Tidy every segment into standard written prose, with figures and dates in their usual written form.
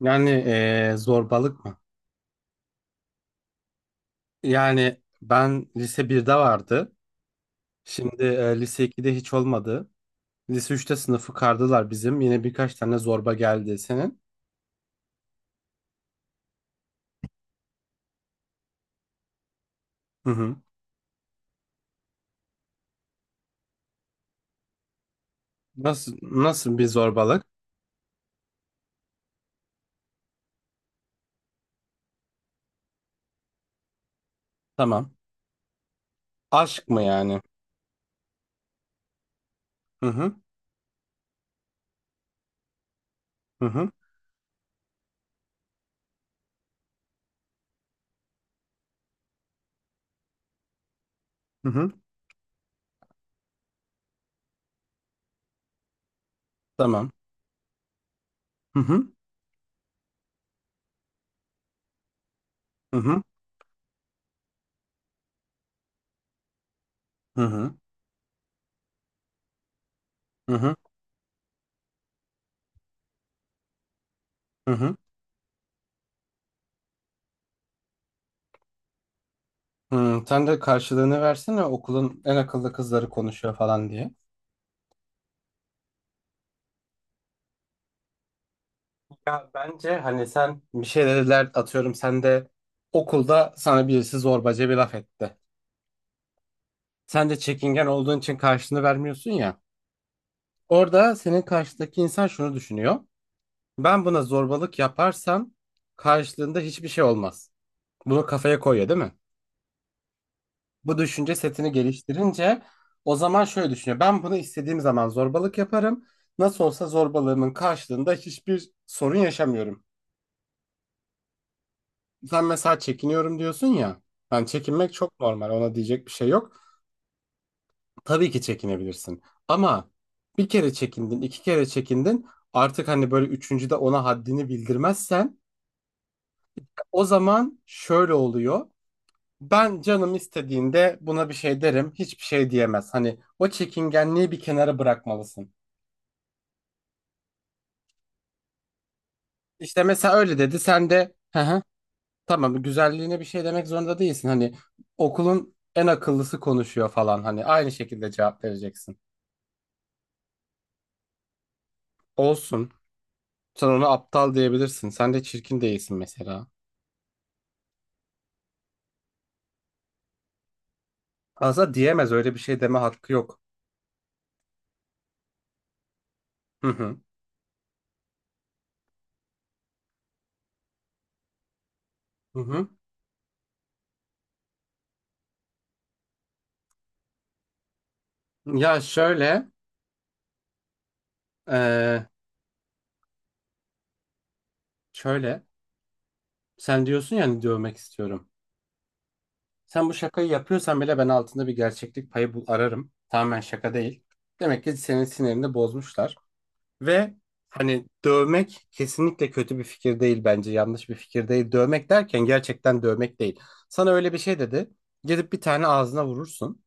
Yani zorbalık mı? Yani ben lise birde vardı. Şimdi lise 2'de hiç olmadı. Lise üçte sınıfı kardılar bizim. Yine birkaç tane zorba geldi senin. Hı hı. Nasıl bir zorbalık? Tamam. Aşk mı yani? Hı hı. Hı hı. Hı hı. Tamam. Hı hı. Hı hı. Hı hı. Hı hı. Hı hı. Hı, sen de karşılığını versene okulun en akıllı kızları konuşuyor falan diye. Ya bence hani sen bir şeyler atıyorum sen de okulda sana birisi zorbaca bir laf etti. Sen de çekingen olduğun için karşılığını vermiyorsun ya. Orada senin karşıdaki insan şunu düşünüyor. Ben buna zorbalık yaparsam karşılığında hiçbir şey olmaz. Bunu kafaya koyuyor değil mi? Bu düşünce setini geliştirince o zaman şöyle düşünüyor. Ben bunu istediğim zaman zorbalık yaparım. Nasıl olsa zorbalığımın karşılığında hiçbir sorun yaşamıyorum. Sen mesela çekiniyorum diyorsun ya. Yani çekinmek çok normal. Ona diyecek bir şey yok. Tabii ki çekinebilirsin. Ama bir kere çekindin, iki kere çekindin. Artık hani böyle üçüncüde ona haddini bildirmezsen o zaman şöyle oluyor. Ben canım istediğinde buna bir şey derim. Hiçbir şey diyemez. Hani o çekingenliği bir kenara bırakmalısın. İşte mesela öyle dedi. Sen de hı hı, tamam güzelliğine bir şey demek zorunda değilsin. Hani okulun en akıllısı konuşuyor falan. Hani aynı şekilde cevap vereceksin. Olsun. Sen ona aptal diyebilirsin. Sen de çirkin değilsin mesela. Aslında diyemez öyle bir şey deme hakkı yok. Hı hı. Hı hı. Ya şöyle, eee, şöyle. Sen diyorsun yani dövmek istiyorum. Sen bu şakayı yapıyorsan bile ben altında bir gerçeklik payı bul ararım. Tamamen şaka değil. Demek ki senin sinirini bozmuşlar. Ve hani dövmek kesinlikle kötü bir fikir değil bence. Yanlış bir fikir değil. Dövmek derken gerçekten dövmek değil. Sana öyle bir şey dedi. Gidip bir tane ağzına vurursun.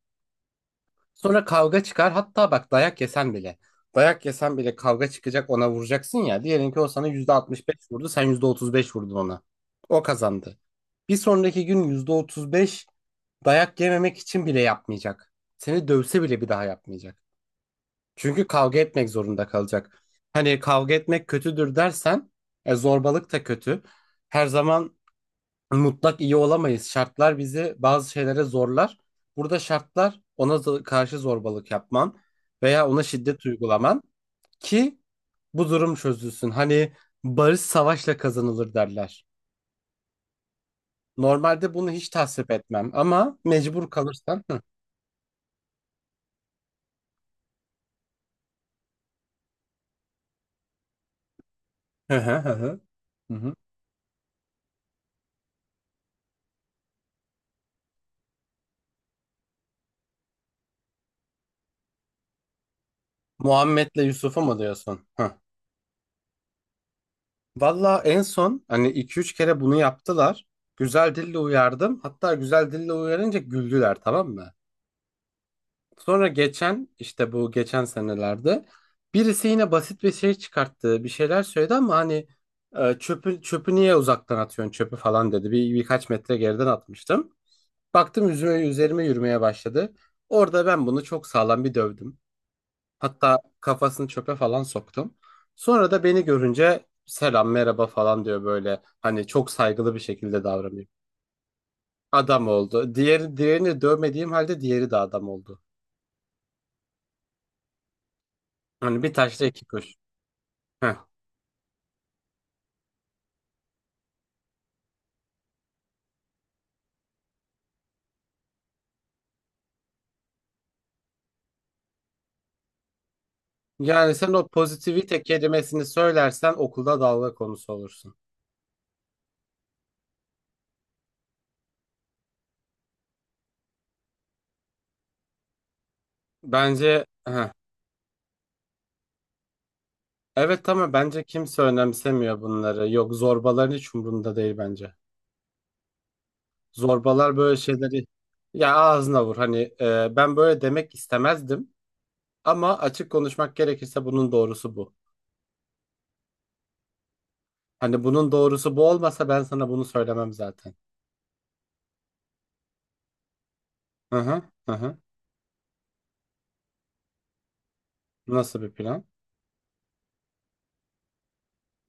Sonra kavga çıkar. Hatta bak dayak yesen bile. Dayak yesen bile kavga çıkacak ona vuracaksın ya. Diyelim ki o sana %65 vurdu. Sen %35 vurdun ona. O kazandı. Bir sonraki gün %35 dayak yememek için bile yapmayacak. Seni dövse bile bir daha yapmayacak. Çünkü kavga etmek zorunda kalacak. Hani kavga etmek kötüdür dersen zorbalık da kötü. Her zaman mutlak iyi olamayız. Şartlar bizi bazı şeylere zorlar. Burada şartlar ona karşı zorbalık yapman veya ona şiddet uygulaman ki bu durum çözülsün. Hani barış savaşla kazanılır derler. Normalde bunu hiç tasvip etmem ama mecbur kalırsan. Hı hı hı hı. Hı. Hı hı. Muhammed'le Yusuf'u mu diyorsun? Hı. Valla en son hani iki üç kere bunu yaptılar. Güzel dille uyardım. Hatta güzel dille uyarınca güldüler tamam mı? Sonra geçen işte bu geçen senelerde birisi yine basit bir şey çıkarttı. Bir şeyler söyledi ama hani çöpü niye uzaktan atıyorsun çöpü falan dedi. Birkaç metre geriden atmıştım. Baktım üzerime yürümeye başladı. Orada ben bunu çok sağlam bir dövdüm. Hatta kafasını çöpe falan soktum. Sonra da beni görünce selam merhaba falan diyor böyle. Hani çok saygılı bir şekilde davranıyor. Adam oldu. Diğerini dövmediğim halde diğeri de adam oldu. Hani bir taşla iki kuş. Yani sen o pozitivite kelimesini söylersen okulda dalga konusu olursun. Bence heh. Evet ama bence kimse önemsemiyor bunları. Yok zorbaların hiç umurunda değil bence. Zorbalar böyle şeyleri ya ağzına vur. Hani ben böyle demek istemezdim ama açık konuşmak gerekirse bunun doğrusu bu. Hani bunun doğrusu bu olmasa ben sana bunu söylemem zaten. Hı hı hı hı. Nasıl bir plan?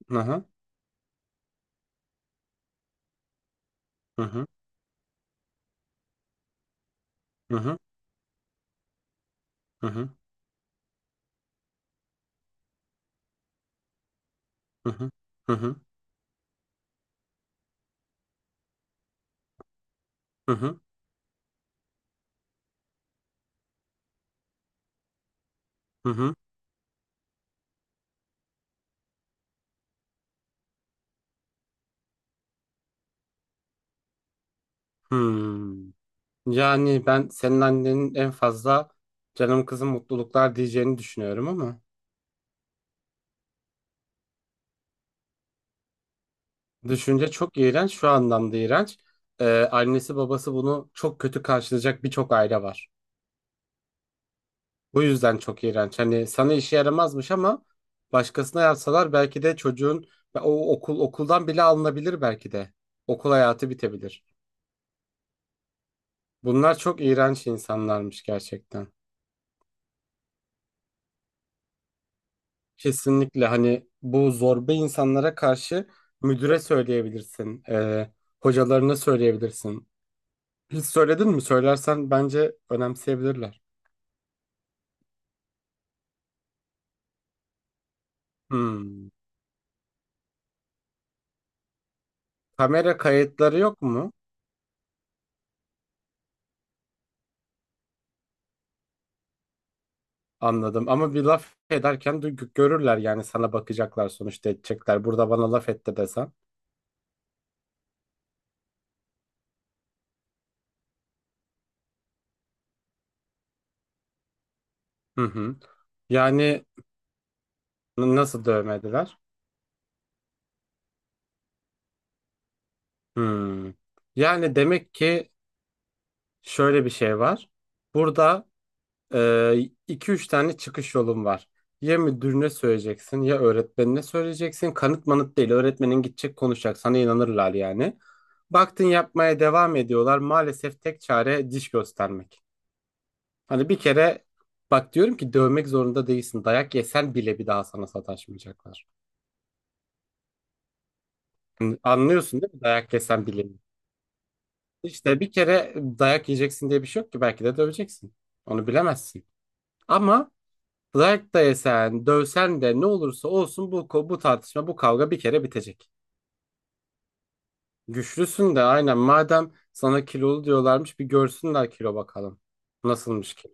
Hı hı hı hı hı hı hı hı hı hı hı hı. Hı. Hmm. Yani ben senin annenin en fazla canım kızım mutluluklar diyeceğini düşünüyorum ama düşünce çok iğrenç şu anlamda iğrenç. Ee, Annesi babası bunu çok kötü karşılayacak birçok aile var. Bu yüzden çok iğrenç. Hani sana işe yaramazmış ama başkasına yapsalar belki de çocuğun o okuldan bile alınabilir belki de. Okul hayatı bitebilir. Bunlar çok iğrenç insanlarmış gerçekten. Kesinlikle hani bu zorba insanlara karşı müdüre söyleyebilirsin, hocalarına söyleyebilirsin. Hiç söyledin mi? Söylersen bence önemseyebilirler. Hmm. Kamera kayıtları yok mu? Anladım. Ama bir laf ederken görürler yani sana bakacaklar sonuçta edecekler. Burada bana laf etti desen. Hı hı. Yani nasıl dövmediler? Hmm. Yani demek ki şöyle bir şey var. Burada Ee, üç tane çıkış yolun var. Ya müdürüne söyleyeceksin ya öğretmenine söyleyeceksin. Kanıt manıt değil. Öğretmenin gidecek konuşacak. Sana inanırlar yani. Baktın yapmaya devam ediyorlar. Maalesef tek çare diş göstermek. Hani bir kere bak diyorum ki dövmek zorunda değilsin. Dayak yesen bile bir daha sana sataşmayacaklar. Hani anlıyorsun değil mi? Dayak yesen bile. İşte bir kere dayak yiyeceksin diye bir şey yok ki. Belki de döveceksin. Onu bilemezsin. Ama Like da yesen, dövsen de ne olursa olsun bu, bu tartışma, bu kavga bir kere bitecek. Güçlüsün de aynen madem sana kilolu diyorlarmış bir görsünler kilo bakalım. Nasılmış kilo?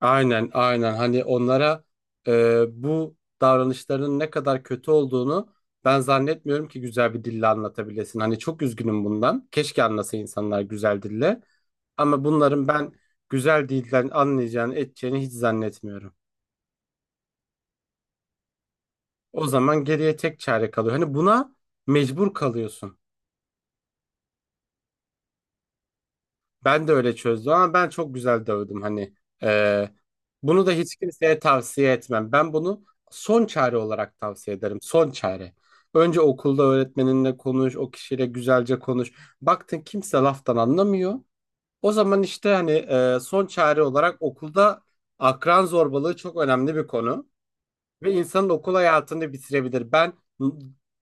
Aynen aynen hani onlara bu davranışlarının ne kadar kötü olduğunu ben zannetmiyorum ki güzel bir dille anlatabilesin. Hani çok üzgünüm bundan. Keşke anlasa insanlar güzel dille. Ama bunların ben güzel dilden anlayacağını, edeceğini hiç zannetmiyorum. O zaman geriye tek çare kalıyor. Hani buna mecbur kalıyorsun. Ben de öyle çözdüm ama ben çok güzel dövdüm. Hani e, bunu da hiç kimseye tavsiye etmem. Ben bunu son çare olarak tavsiye ederim. Son çare. Önce okulda öğretmeninle konuş, o kişiyle güzelce konuş. Baktın kimse laftan anlamıyor. O zaman işte hani son çare olarak okulda akran zorbalığı çok önemli bir konu. Ve insanın okul hayatını bitirebilir. Ben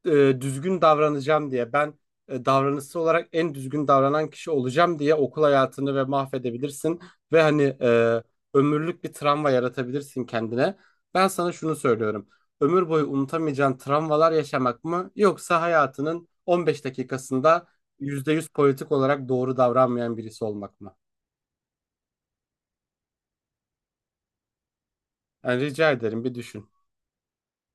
düzgün davranacağım diye, ben davranışsal olarak en düzgün davranan kişi olacağım diye okul hayatını ve mahvedebilirsin. Ve hani ömürlük bir travma yaratabilirsin kendine. Ben sana şunu söylüyorum. Ömür boyu unutamayacağın travmalar yaşamak mı? Yoksa hayatının 15 dakikasında %100 politik olarak doğru davranmayan birisi olmak mı? Yani rica ederim bir düşün.